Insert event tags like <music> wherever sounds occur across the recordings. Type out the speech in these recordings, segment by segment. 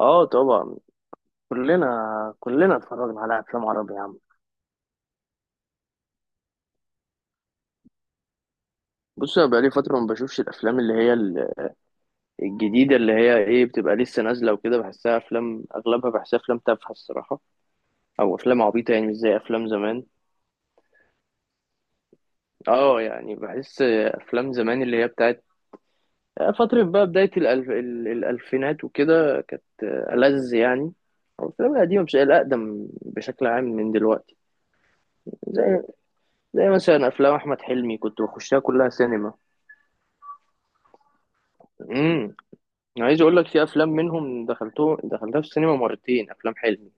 اه طبعا. كلنا كلنا اتفرجنا على افلام عربي يا عم. بص، انا بقالي فتره ما بشوفش الافلام اللي هي الجديده، اللي هي ايه، بتبقى لسه نازله وكده. بحسها افلام، اغلبها بحسها افلام تافهه الصراحه، او افلام عبيطه، يعني مش زي افلام زمان. اه يعني، بحس افلام زمان اللي هي بتاعت فتره، بقى بدايه الالفينات وكده، كانت ألذ يعني. او الافلام القديمه، مش الاقدم، بشكل عام من دلوقتي. زي زي مثلا افلام احمد حلمي، كنت بخشها كلها سينما. انا عايز اقول لك، في افلام منهم دخلتها في السينما مرتين، افلام حلمي.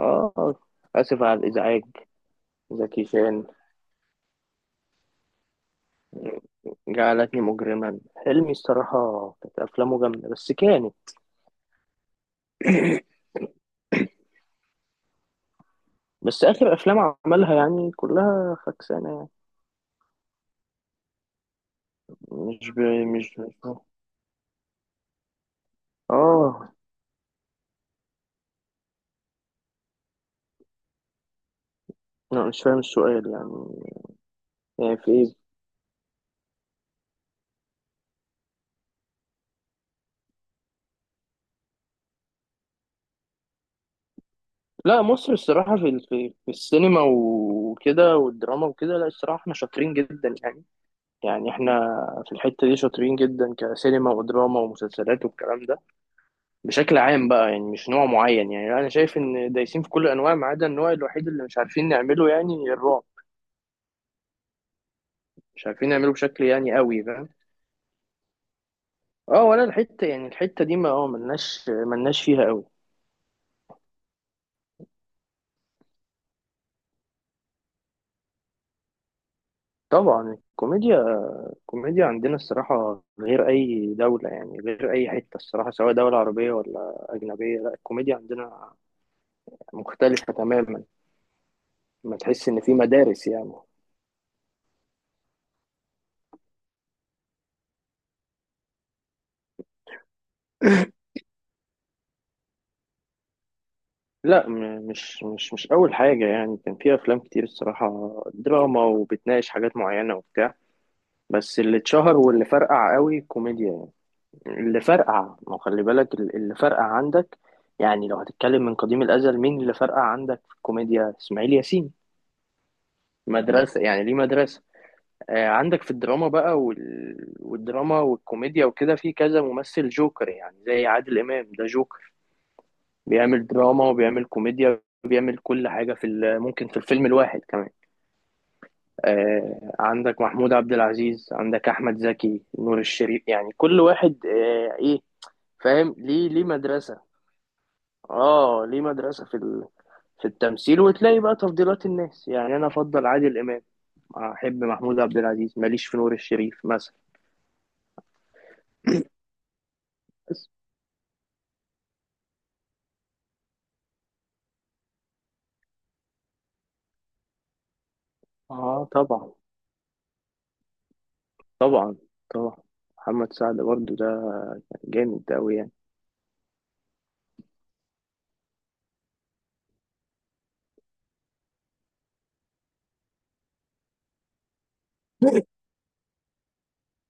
اه، اسف على الازعاج. زكي شان، جعلتني مجرما، حلمي الصراحه كانت افلامه جامده، بس كانت. بس اخر افلام عملها يعني كلها فكسانه. يعني مش ب... مش اه لا، مش فاهم السؤال يعني. يعني في ايه؟ لا، مصر الصراحه في السينما وكده والدراما وكده، لا الصراحه احنا شاطرين جدا يعني. يعني احنا في الحتة دي شاطرين جدا كسينما ودراما ومسلسلات والكلام ده. بشكل عام بقى، يعني مش نوع معين. يعني انا شايف ان دايسين في كل الانواع، ما عدا النوع الوحيد اللي مش عارفين نعمله، يعني الرعب. مش عارفين نعمله بشكل يعني قوي، فاهم. اه، ولا الحتة، يعني الحتة دي ما ملناش فيها قوي. طبعا الكوميديا. الكوميديا عندنا الصراحة غير أي دولة، يعني غير أي حتة الصراحة، سواء دولة عربية ولا أجنبية، لا، الكوميديا عندنا مختلفة تماما. ما تحس إن في مدارس يعني. <laughs> لا مش أول حاجة يعني، كان في أفلام كتير الصراحة دراما، وبتناقش حاجات معينة وبتاع. بس اللي اتشهر واللي فرقع قوي الكوميديا. يعني اللي فرقع، ما هو خلي بالك اللي فرقع عندك. يعني لو هتتكلم من قديم الأزل، مين اللي فرقع عندك في الكوميديا؟ إسماعيل ياسين، مدرسة يعني، ليه مدرسة. آه، عندك في الدراما بقى والدراما والكوميديا وكده، في كذا ممثل جوكر، يعني زي عادل إمام، ده جوكر. بيعمل دراما وبيعمل كوميديا، بيعمل كل حاجة ممكن في الفيلم الواحد كمان. آه، عندك محمود عبد العزيز، عندك أحمد زكي، نور الشريف، يعني كل واحد إيه، فاهم، ليه مدرسة. آه، ليه مدرسة في التمثيل. وتلاقي بقى تفضيلات الناس، يعني أنا أفضل عادل إمام، أحب محمود عبد العزيز، ماليش في نور الشريف مثلا. بس، آه، طبعا، طبعا، طبعا. محمد سعد برضو ده جامد أوي يعني.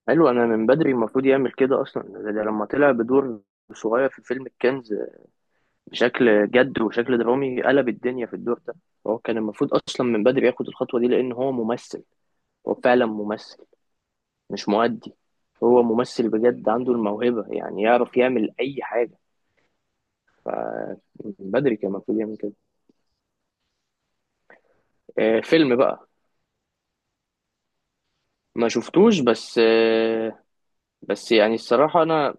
حلو، انا من بدري المفروض يعمل كده اصلا. ده لما طلع بدور صغير في فيلم الكنز بشكل جد وشكل درامي، قلب الدنيا في الدور ده. هو كان المفروض اصلا من بدري ياخد الخطوة دي، لان هو ممثل. هو فعلا ممثل، مش مؤدي. هو ممثل بجد، عنده الموهبة، يعني يعرف يعمل اي حاجة. من بدري كان المفروض يعمل كده. فيلم بقى، ما شفتوش. بس بس يعني الصراحة أنا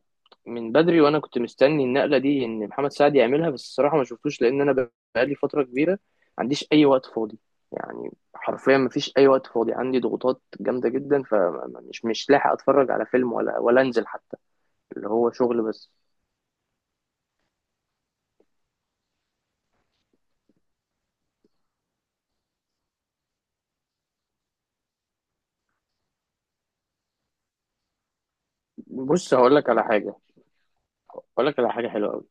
من بدري وأنا كنت مستني النقلة دي إن محمد سعد يعملها، بس الصراحة ما شفتوش، لأن أنا بقالي فترة كبيرة ما عنديش أي وقت فاضي. يعني حرفيا ما فيش أي وقت فاضي عندي، ضغوطات جامدة جدا، فمش مش لاحق أتفرج على فيلم، ولا أنزل حتى. اللي هو شغل بس. بص، هقول لك على حاجة حلوة أوي.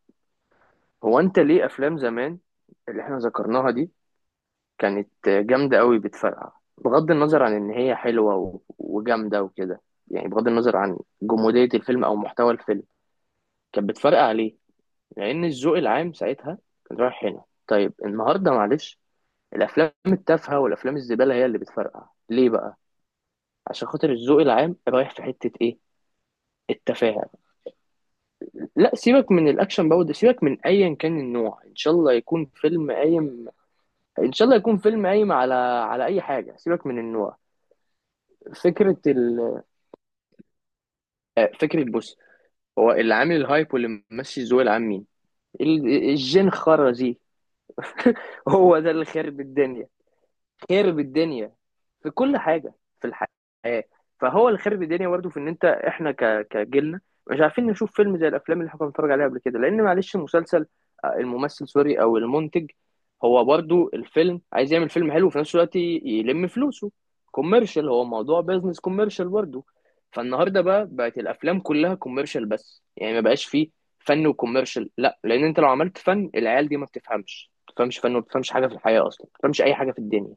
هو أنت، ليه أفلام زمان اللي إحنا ذكرناها دي كانت جامدة قوي بتفرقع؟ بغض النظر عن إن هي حلوة وجامدة وكده، يعني بغض النظر عن جمودية الفيلم أو محتوى الفيلم، كانت بتفرقع ليه؟ لأن الذوق العام ساعتها كان رايح هنا. طيب النهاردة معلش، الأفلام التافهة والأفلام الزبالة هي اللي بتفرقع، ليه بقى؟ عشان خاطر الذوق العام رايح في حتة إيه؟ التفاهة. لا، سيبك من الأكشن برضه، سيبك من أيا كان النوع، إن شاء الله يكون فيلم قايم. إن شاء الله يكون فيلم قايم على أي حاجة، سيبك من النوع. فكرة ال... آه، فكرة، بص، هو اللي عامل الهايب واللي ماشي الذوق العام مين؟ الجين خرزي. <laughs> هو ده اللي خرب الدنيا، خرب الدنيا في كل حاجه في الحياه. فهو الخرب الدنيا برضه، في ان انت، احنا كجيلنا مش عارفين نشوف فيلم زي الافلام اللي احنا كنا بنتفرج عليها قبل كده. لان معلش، المسلسل آه، الممثل سوري او المنتج، هو برضه الفيلم عايز يعمل فيلم حلو، وفي نفس الوقت يلم فلوسه. كوميرشال، هو موضوع بيزنس كوميرشال برضه. فالنهارده بقى بقت الافلام كلها كوميرشال بس، يعني ما بقاش فيه فن وكوميرشال. لا، لان انت لو عملت فن، العيال دي ما بتفهمش فن، وما بتفهمش حاجه في الحياه اصلا، ما بتفهمش اي حاجه في الدنيا.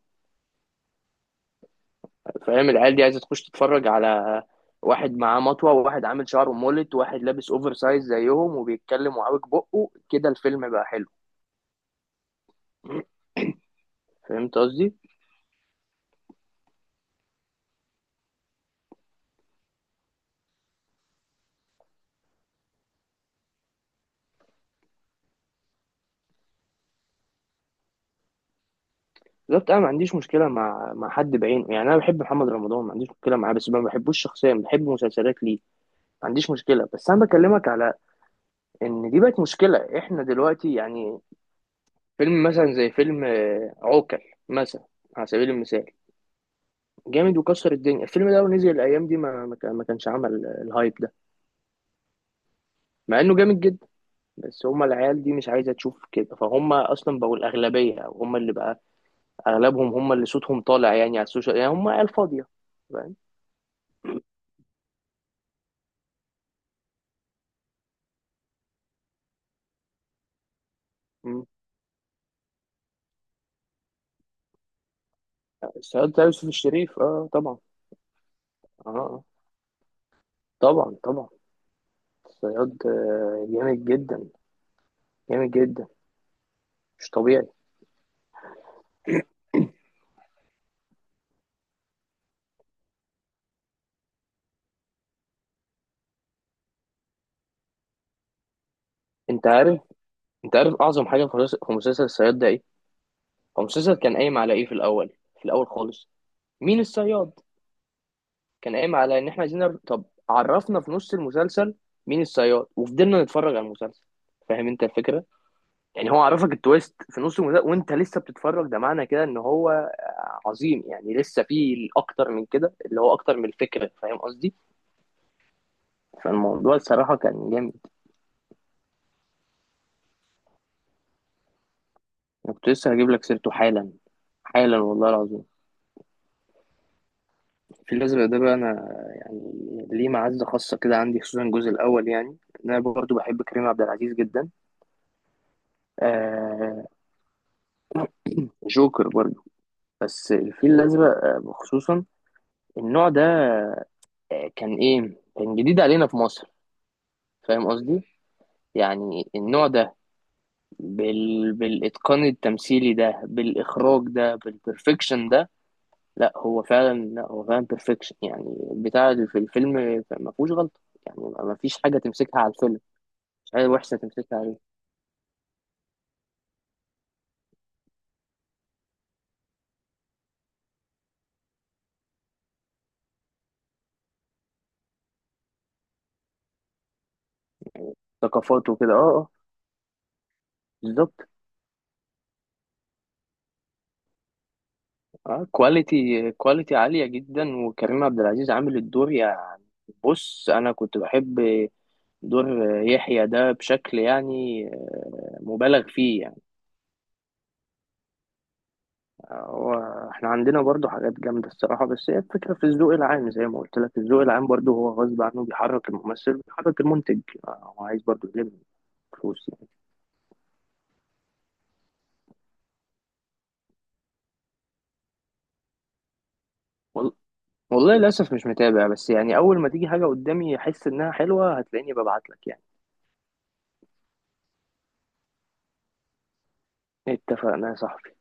فاهم، العيال دي عايزه تخش تتفرج على واحد معاه مطوه، وواحد عامل شعره مولت، وواحد لابس اوفر سايز زيهم وبيتكلم وعاوج بقه كده، الفيلم بقى حلو. فهمت قصدي. بالظبط، انا ما عنديش مشكله مع حد بعينه. يعني انا بحب محمد رمضان، ما عنديش مشكله معاه، بس ما بحبوش شخصيا، بحب مسلسلات ليه. ما عنديش مشكله، بس انا بكلمك على ان دي بقت مشكله، احنا دلوقتي يعني. فيلم مثلا زي فيلم عوكل مثلا، على سبيل المثال، جامد وكسر الدنيا. الفيلم ده لو نزل الايام دي، ما كانش عمل الهايب ده، مع انه جامد جدا. بس هما العيال دي مش عايزه تشوف كده، فهم اصلا بقوا الاغلبيه. او هم اللي بقى اغلبهم، هم اللي صوتهم طالع يعني على السوشيال، يعني هم عيال فاضيه، فاهم. مم. الصياد بتاع يوسف الشريف، اه طبعا. اه، آه. طبعا، طبعا. الصياد، جامد جدا. جامد جدا، مش طبيعي. انت عارف انت عارف، اعظم حاجه في مسلسل الصياد ده ايه؟ هو مسلسل كان قايم على ايه في الاول؟ في الاول خالص، مين الصياد؟ كان قايم على ان احنا عايزين طب عرفنا في نص المسلسل مين الصياد، وفضلنا نتفرج على المسلسل، فاهم انت الفكره. يعني هو عرفك التويست في نص المسلسل وانت لسه بتتفرج، ده معنى كده ان هو عظيم يعني، لسه فيه اكتر من كده اللي هو اكتر من الفكره، فاهم قصدي. فالموضوع الصراحه كان جامد. انا كنت لسه هجيب لك سيرته حالا، حالا والله العظيم. في الأزرق ده بقى، أنا يعني ليه معزة خاصة كده عندي، خصوصا الجزء الأول يعني. إن أنا برضو بحب كريم عبد العزيز جدا. آه، جوكر برضو. بس الفيل الأزرق، خصوصا النوع ده، كان إيه، كان جديد علينا في مصر. فاهم قصدي، يعني النوع ده، بالإتقان التمثيلي ده، بالإخراج ده، بالبرفكشن ده. لا هو فعلا، بيرفكشن يعني، البتاع اللي في الفيلم ما فيهوش غلطة. يعني ما فيش حاجة تمسكها على الفيلم، مش حاجة وحشة تمسكها عليه. ثقافات وكده، اه، اه. بالظبط. اه، كواليتي عالية جدا، وكريم عبد العزيز عامل الدور يعني. بص، انا كنت بحب دور يحيى ده بشكل يعني مبالغ فيه يعني. هو احنا عندنا برضو حاجات جامدة الصراحة، بس هي الفكرة في الذوق العام زي ما قلت لك، الذوق العام برضو هو غصب عنه بيحرك الممثل بيحرك المنتج، هو عايز برضو يلم فلوس يعني. وال- والله للأسف مش متابع، بس يعني أول ما تيجي حاجة قدامي أحس إنها حلوة، هتلاقيني ببعت لك يعني. اتفقنا يا صاحبي.